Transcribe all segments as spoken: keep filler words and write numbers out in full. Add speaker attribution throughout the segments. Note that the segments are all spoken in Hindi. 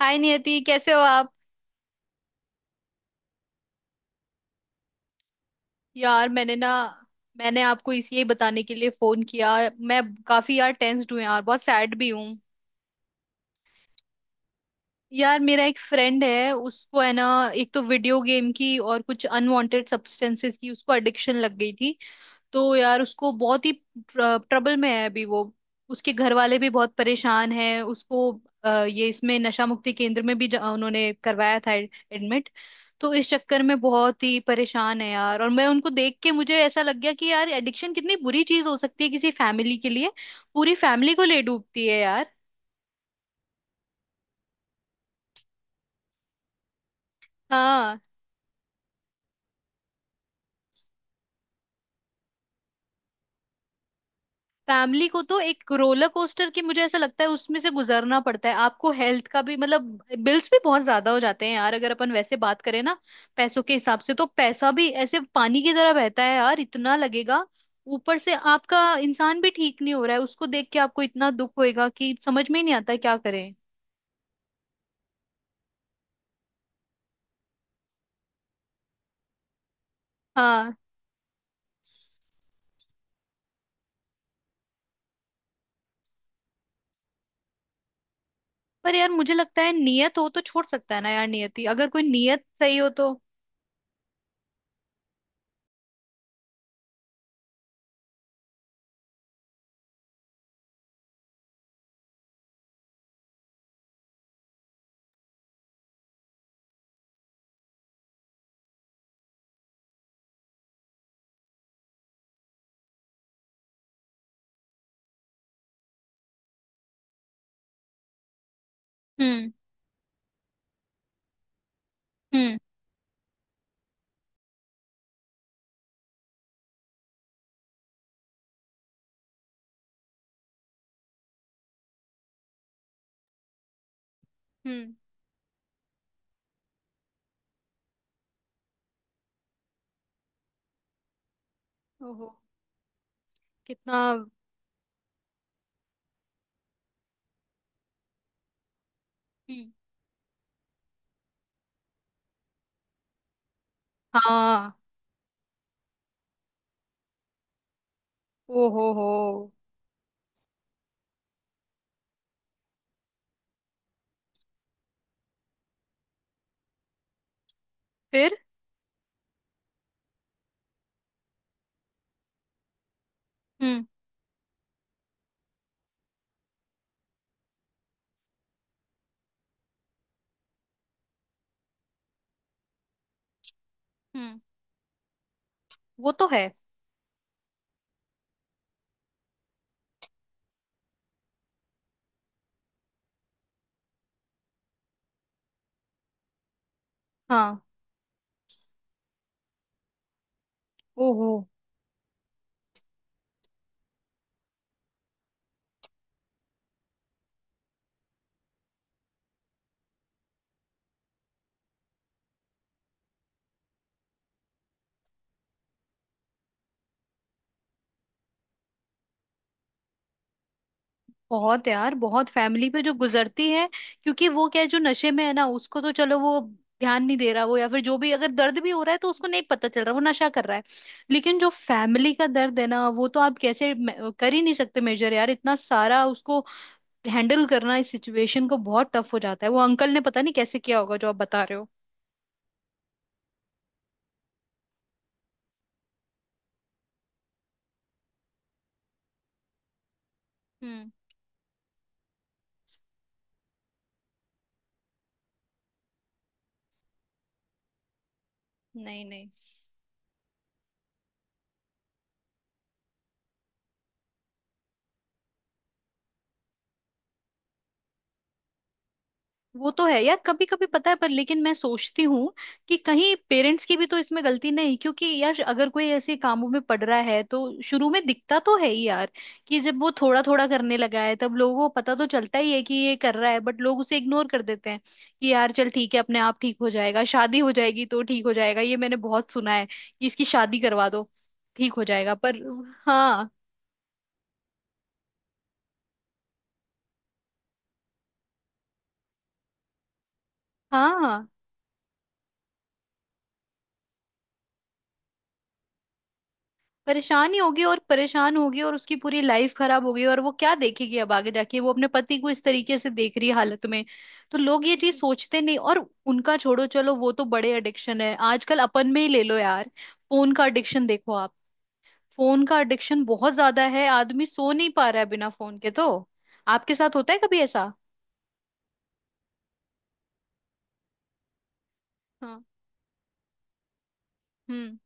Speaker 1: हाय नियति, कैसे हो आप? यार मैंने ना, मैंने आपको इसलिए बताने के लिए फोन किया। मैं काफी यार टेंस्ड हूँ यार, बहुत सैड भी हूँ। यार मेरा एक फ्रेंड है उसको, है ना, एक तो वीडियो गेम की और कुछ अनवांटेड सब्सटेंसेस की उसको एडिक्शन लग गई थी। तो यार उसको बहुत ही ट्रबल में है अभी वो। उसके घर वाले भी बहुत परेशान हैं उसको। अ, ये इसमें नशा मुक्ति केंद्र में भी ज- उन्होंने करवाया था एडमिट। तो इस चक्कर में बहुत ही परेशान है यार। और मैं उनको देख के मुझे ऐसा लग गया कि यार एडिक्शन कितनी बुरी चीज हो सकती है किसी फैमिली के लिए। पूरी फैमिली को ले डूबती है यार। हाँ। फैमिली को तो एक रोलर कोस्टर की मुझे ऐसा लगता है उसमें से गुजरना पड़ता है आपको। हेल्थ का भी मतलब बिल्स भी बहुत ज्यादा हो जाते हैं यार, अगर अपन वैसे बात करें ना। पैसों के हिसाब से तो पैसा भी ऐसे पानी की तरह बहता है यार, इतना लगेगा। ऊपर से आपका इंसान भी ठीक नहीं हो रहा है, उसको देख के आपको इतना दुख होएगा कि समझ में ही नहीं आता क्या करें। हाँ। पर यार मुझे लगता है नियत हो तो छोड़ सकता है ना यार। नियति, अगर कोई नियत सही हो तो। हम्म। हम्म। हम्म। ओहो, कितना! हम्म। हाँ। ओहो हो। फिर? हम्म। हम्म। वो तो है। हाँ। ओहो। बहुत यार, बहुत फैमिली पे जो गुजरती है। क्योंकि वो क्या है, जो नशे में है ना, उसको तो चलो वो ध्यान नहीं दे रहा वो, या फिर जो भी अगर दर्द भी हो रहा है तो उसको नहीं पता चल रहा, वो नशा कर रहा है। लेकिन जो फैमिली का दर्द है ना वो तो आप कैसे मे- कर ही नहीं सकते मेजर। यार इतना सारा उसको हैंडल करना, इस सिचुएशन को, बहुत टफ हो जाता है। वो अंकल ने पता नहीं कैसे किया होगा जो आप बता रहे हो। हम्म। नहीं नहीं। वो तो है यार, कभी कभी पता है पर, लेकिन मैं सोचती हूँ कि कहीं पेरेंट्स की भी तो इसमें गलती नहीं, क्योंकि यार अगर कोई ऐसे कामों में पड़ रहा है तो शुरू में दिखता तो है ही यार। कि जब वो थोड़ा थोड़ा करने लगा है तब लोगों को पता तो चलता ही है कि ये कर रहा है, बट लोग उसे इग्नोर कर देते हैं कि यार चल ठीक है, अपने आप ठीक हो जाएगा, शादी हो जाएगी तो ठीक हो जाएगा। ये मैंने बहुत सुना है कि इसकी शादी करवा दो, ठीक हो जाएगा, पर। हाँ। हाँ, परेशान ही होगी, और परेशान होगी, और उसकी पूरी लाइफ खराब होगी, और वो क्या देखेगी अब आगे जाके, वो अपने पति को इस तरीके से देख रही है हालत में। तो लोग ये चीज सोचते नहीं। और उनका छोड़ो, चलो वो तो बड़े एडिक्शन है, आजकल अपन में ही ले लो यार। फोन का एडिक्शन देखो आप। फोन का एडिक्शन बहुत ज्यादा है, आदमी सो नहीं पा रहा है बिना फोन के तो। आपके साथ होता है कभी ऐसा? हाँ। हम्म।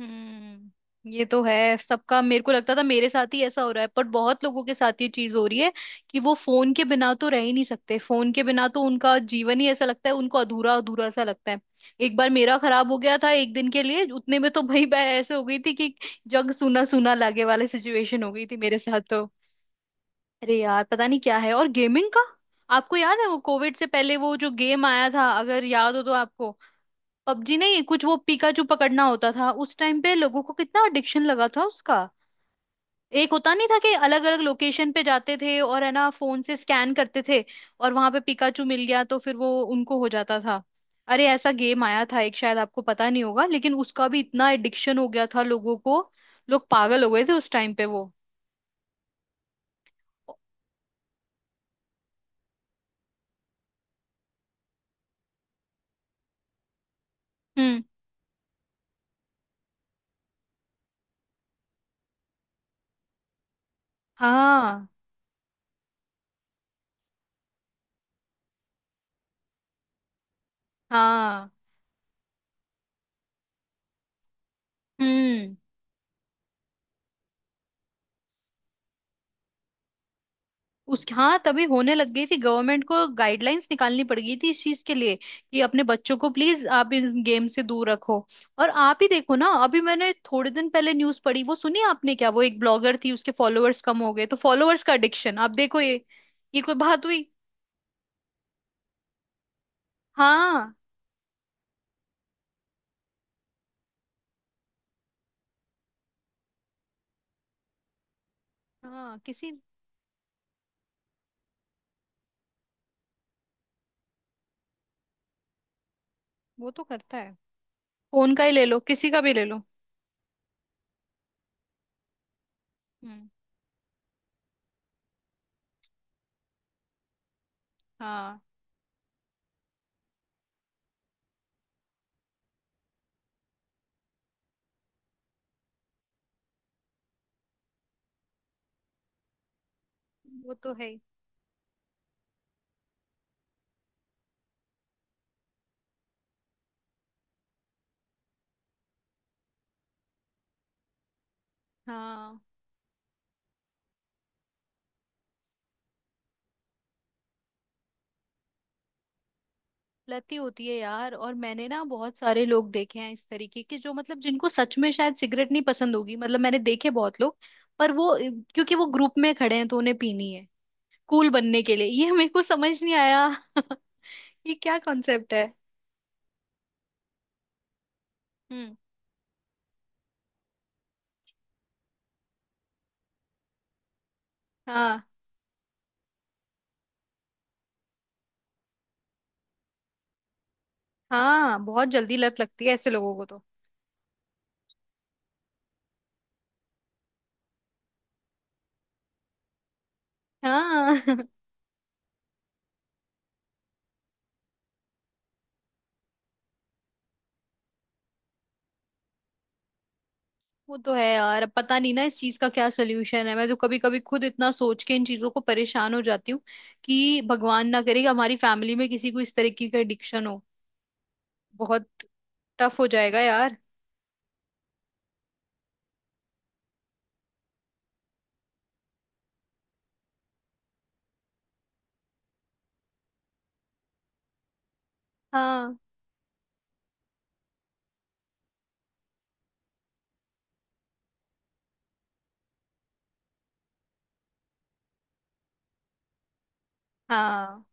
Speaker 1: हम्म। ये तो है सबका। मेरे को लगता था मेरे साथ ही ऐसा हो रहा है, पर बहुत लोगों के साथ ये चीज हो रही है कि वो फोन के बिना तो रह ही नहीं सकते। फोन के बिना तो उनका जीवन ही ऐसा लगता है उनको, अधूरा अधूरा सा लगता है। एक बार मेरा खराब हो गया था एक दिन के लिए, उतने में तो भाई मैं ऐसे हो गई थी कि जग सूना सूना लागे वाली सिचुएशन हो गई थी मेरे साथ तो। अरे यार पता नहीं क्या है। और गेमिंग का, आपको याद है वो कोविड से पहले वो जो गेम आया था, अगर याद हो तो आपको? पबजी नहीं, कुछ वो पिकाचू पकड़ना होता था, उस टाइम पे लोगों को कितना एडिक्शन लगा था उसका। एक होता नहीं था कि अलग अलग लोकेशन पे जाते थे और है ना फोन से स्कैन करते थे, और वहां पे पिकाचू मिल गया तो फिर वो उनको हो जाता था। अरे ऐसा गेम आया था एक, शायद आपको पता नहीं होगा, लेकिन उसका भी इतना एडिक्शन हो गया था लोगों को। लोग पागल हो गए थे उस टाइम पे वो। हम्म। हाँ। हाँ। हम्म। उस, हाँ तभी होने लग गई थी, गवर्नमेंट को गाइडलाइंस निकालनी पड़ गई थी इस चीज के लिए कि अपने बच्चों को प्लीज आप इस गेम से दूर रखो। और आप ही देखो ना, अभी मैंने थोड़े दिन पहले न्यूज पढ़ी, वो सुनी आपने क्या? वो एक ब्लॉगर थी, उसके फॉलोअर्स कम हो गए तो, फॉलोअर्स का एडिक्शन आप देखो, ये ये कोई बात हुई? हाँ। हाँ, किसी। वो तो करता है। फोन का ही ले लो, किसी का भी ले लो। हम्म। हाँ, वो तो है ही। हाँ, लती होती है यार। और मैंने ना बहुत सारे लोग देखे हैं इस तरीके के, जो मतलब जिनको सच में शायद सिगरेट नहीं पसंद होगी, मतलब मैंने देखे बहुत लोग, पर वो, क्योंकि वो ग्रुप में खड़े हैं तो उन्हें पीनी है, कूल बनने के लिए। ये मेरे को समझ नहीं आया। ये क्या कॉन्सेप्ट है? हम्म। हाँ, हाँ बहुत जल्दी लत लगती है ऐसे लोगों को तो। हाँ। वो तो है यार, अब पता नहीं ना इस चीज का क्या सोल्यूशन है। मैं तो कभी कभी खुद इतना सोच के इन चीजों को परेशान हो जाती हूँ कि भगवान ना करे कि हमारी फैमिली में किसी को इस तरीके का एडिक्शन हो। बहुत टफ हो जाएगा यार। हाँ। हाँ,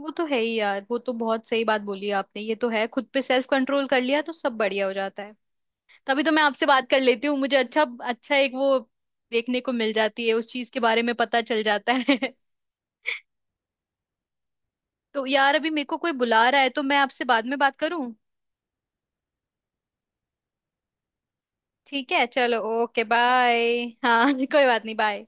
Speaker 1: वो तो है ही यार, वो तो बहुत सही बात बोली आपने, ये तो है, खुद पे सेल्फ कंट्रोल कर लिया तो सब बढ़िया हो जाता है। तभी तो मैं आपसे बात कर लेती हूँ, मुझे अच्छा अच्छा एक वो देखने को मिल जाती है, उस चीज के बारे में पता चल जाता है। तो यार अभी मेरे को कोई बुला रहा है, तो मैं आपसे बाद में बात करूँ? ठीक है, चलो ओके बाय। हाँ। कोई बात नहीं, बाय।